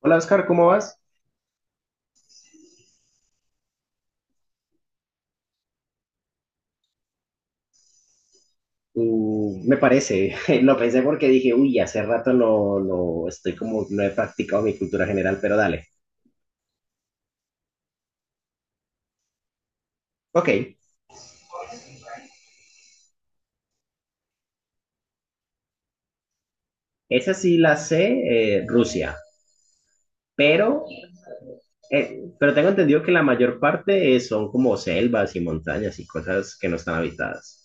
Hola Oscar, ¿cómo vas? Me parece, lo pensé porque dije, uy, hace rato no, no estoy como, no he practicado mi cultura general, pero dale. Ok, esa sí la sé, Rusia, pero, pero tengo entendido que la mayor parte son como selvas y montañas y cosas que no están habitadas.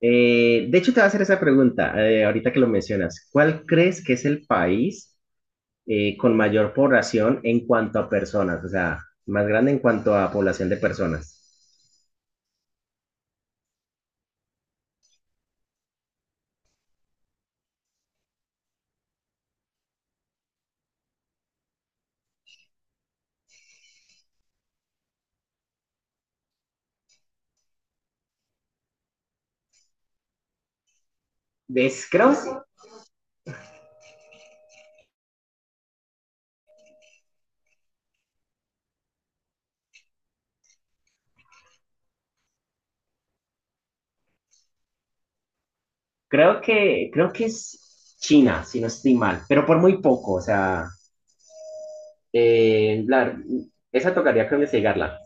De hecho, te voy a hacer esa pregunta, ahorita que lo mencionas. ¿Cuál crees que es el país con mayor población en cuanto a personas? O sea, más grande en cuanto a población de personas. Es, creo, creo que es China, si no estoy mal, pero por muy poco, o sea, eh, la- esa tocaría creo investigarla.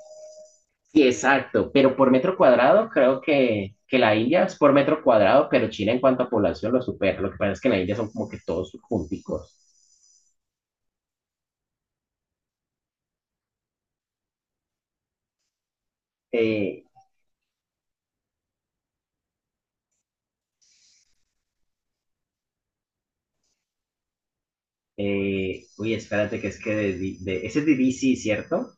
Sí, exacto, pero por metro cuadrado creo que la India es por metro cuadrado, pero China en cuanto a población lo supera. Lo que pasa es que en la India son como que todos junticos. Eh, Uy, espérate, que es que ese es de DC, ¿cierto?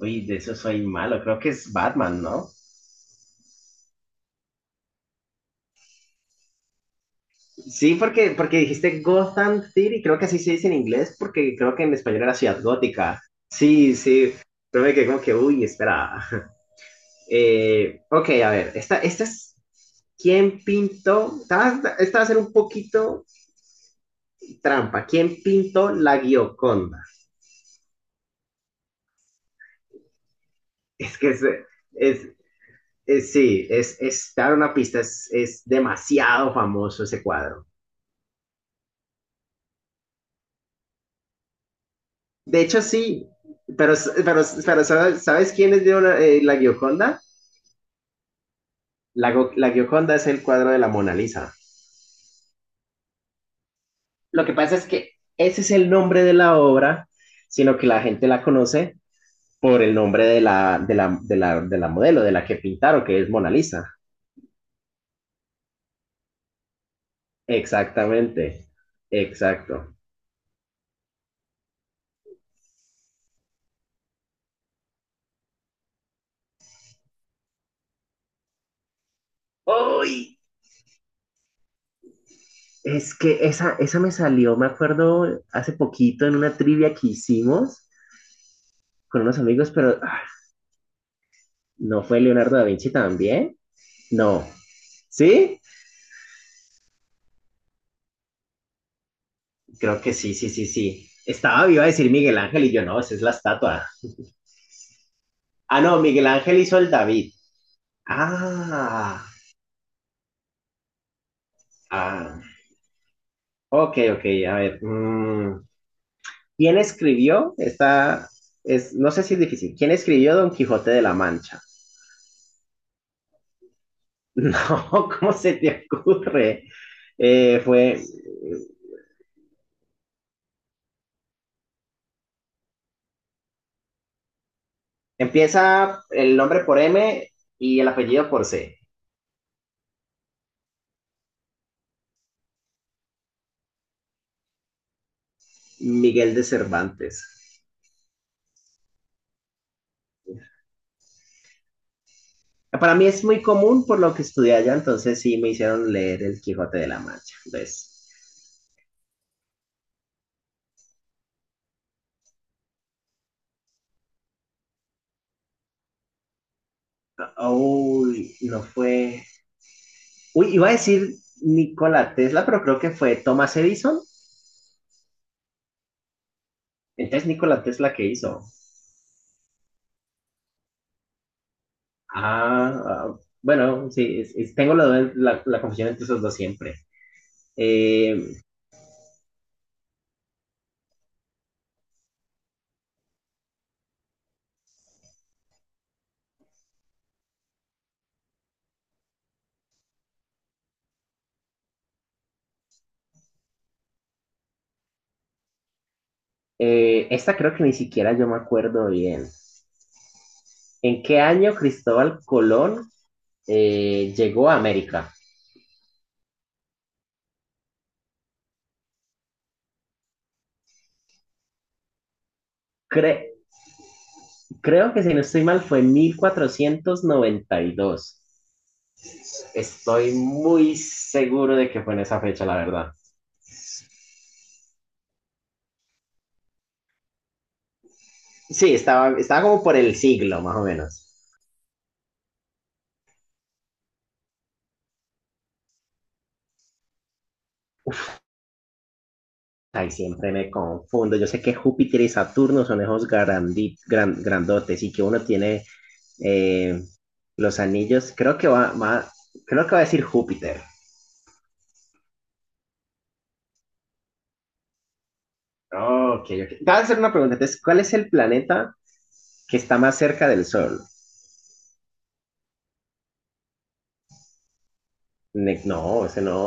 Uy, de eso soy malo, creo que es Batman, ¿no? Sí, porque dijiste Gotham City, creo que así se dice en inglés, porque creo que en español era Ciudad Gótica. Sí, sí, pero me quedé como que, uy, espera. Ok, a ver, esta es, ¿quién pintó? Esta va a ser un poquito trampa. ¿Quién pintó la Gioconda? Es que es, es- Sí, es dar una pista, es demasiado famoso ese cuadro. De hecho, sí, pero, pero ¿sabes quiénes dieron la Gioconda? La Gioconda es el cuadro de la Mona Lisa. Lo que pasa es que ese es el nombre de la obra, sino que la gente la conoce por el nombre de la modelo, de la que pintaron, que es Mona Lisa. Exactamente, exacto. ¡Uy! Es que esa me salió, me acuerdo, hace poquito en una trivia que hicimos con unos amigos, pero ah, ¿no fue Leonardo da Vinci también? No. ¿Sí? Creo que sí, sí, sí, sí. Estaba viva a decir Miguel Ángel y yo no, esa es la estatua. Ah, no, Miguel Ángel hizo el David. Ah, ah. Ok, ok, a ver. ¿Quién escribió esta? No sé si es difícil. ¿Quién escribió Don Quijote de la Mancha? No, ¿cómo se te ocurre? Fue. Empieza el nombre por M y el apellido por C. Miguel de Cervantes. Para mí es muy común por lo que estudié allá, entonces sí me hicieron leer El Quijote de la Mancha. Entonces, uy, no fue. Uy, iba a decir Nikola Tesla, pero creo que fue Thomas Edison. Entonces, Nikola Tesla que hizo. Ah, ah, bueno, sí, tengo la confusión entre esos dos siempre. Eh, Esta creo que ni siquiera yo me acuerdo bien. ¿En qué año Cristóbal Colón llegó a América? Cre- creo que si no estoy mal fue 1492. Estoy muy seguro de que fue en esa fecha, la verdad. Sí, estaba como por el siglo, más o menos. Ay, siempre me confundo. Yo sé que Júpiter y Saturno son esos grandotes y que uno tiene eh, los anillos. Creo que va a decir Júpiter. Ok, ok. Te voy a hacer una pregunta. Entonces, ¿cuál es el planeta que está más cerca del Sol? No, ese no.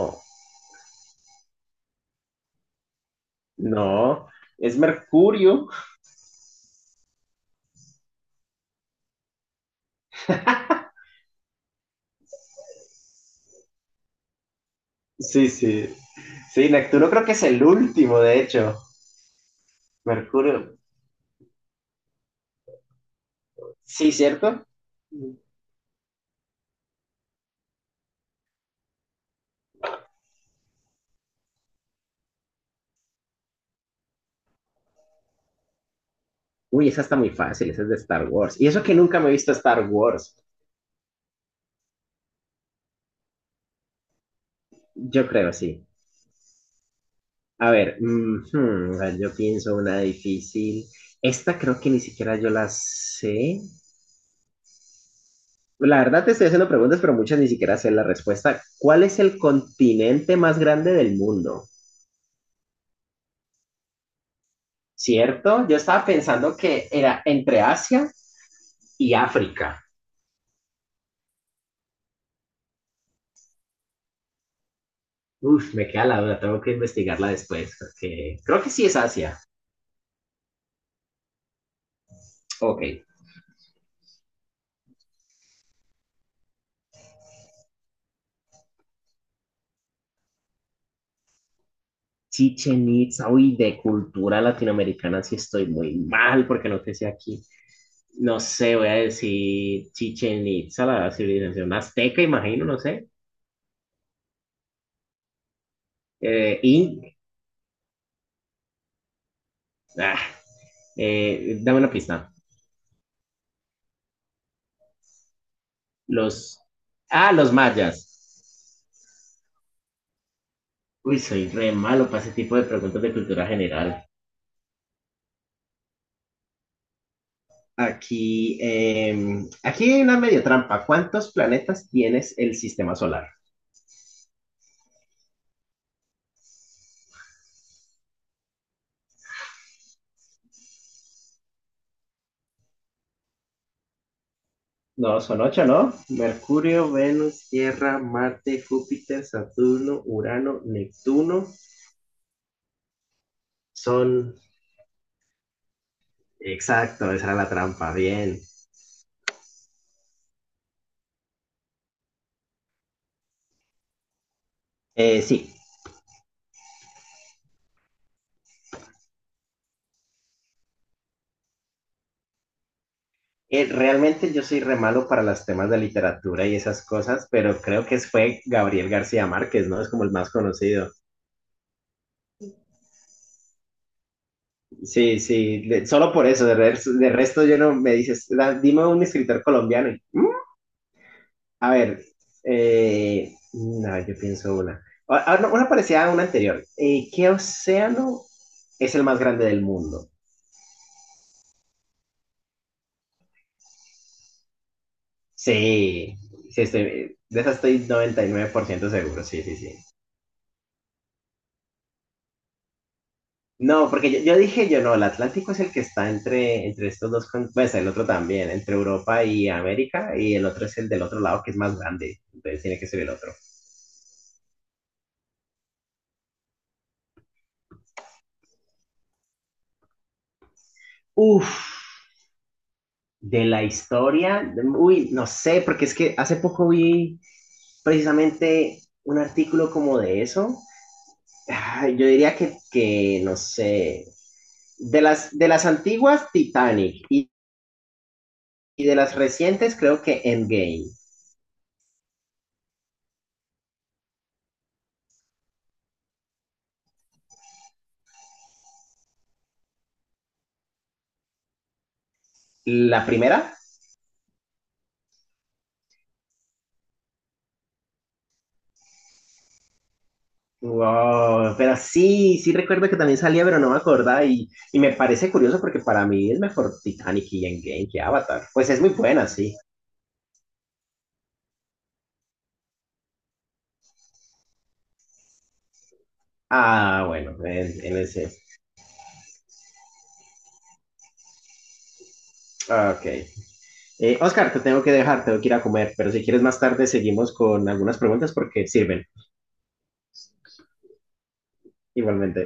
No, es Mercurio. Sí, sí. Sí, Neptuno creo que es el último, de hecho. Mercurio. Sí, ¿cierto? Uy, esa está muy fácil, esa es de Star Wars. Y eso que nunca me he visto Star Wars. Yo creo, sí. A ver, a ver, yo pienso una difícil. Esta creo que ni siquiera yo la sé. La verdad te estoy haciendo preguntas, pero muchas ni siquiera sé la respuesta. ¿Cuál es el continente más grande del mundo? ¿Cierto? Yo estaba pensando que era entre Asia y África. Uf, me queda la duda, tengo que investigarla después, porque creo que sí es Asia. Ok. Chichen Itza, uy, de cultura latinoamericana sí estoy muy mal porque no te sé aquí. No sé, voy a decir Chichen Itza, la civilización azteca, imagino, no sé. Eh, in- ah, Dame una pista. Los, los mayas. Uy, soy re malo para ese tipo de preguntas de cultura general. Aquí hay una media trampa. ¿Cuántos planetas tienes el sistema solar? No, son ocho, ¿no? Mercurio, Venus, Tierra, Marte, Júpiter, Saturno, Urano, Neptuno. Son... Exacto, esa era la trampa. Bien. Sí, realmente yo soy re malo para los temas de literatura y esas cosas, pero creo que fue Gabriel García Márquez, ¿no? Es como el más conocido. Sí, sí, solo por eso, de resto yo no me dices, "Da- dime un escritor colombiano y, "Mm, A ver, no, yo pienso una. Ah, ah, no, una parecida a una anterior. ¿Qué océano es el más grande del mundo? Sí, sí, de esa estoy 99% seguro, sí, sí, sí. No, porque yo dije yo no, el Atlántico es el que está entre estos dos, pues el otro también, entre Europa y América, y el otro es el del otro lado que es más grande, entonces tiene que ser el otro. Uf, de la historia, uy, no sé, porque es que hace poco vi precisamente un artículo como de eso. Ah, yo diría que, no sé, de las antiguas Titanic y de las recientes creo que Endgame. La primera, wow, pero sí, sí recuerdo que también salía, pero no me acordaba y me parece curioso porque para mí es mejor Titanic y Endgame que Avatar. Pues es muy buena, sí. Ah, bueno, en ese. Ah, ok. Oscar, te tengo que dejar, tengo que ir a comer, pero si quieres más tarde seguimos con algunas preguntas porque sirven. Igualmente.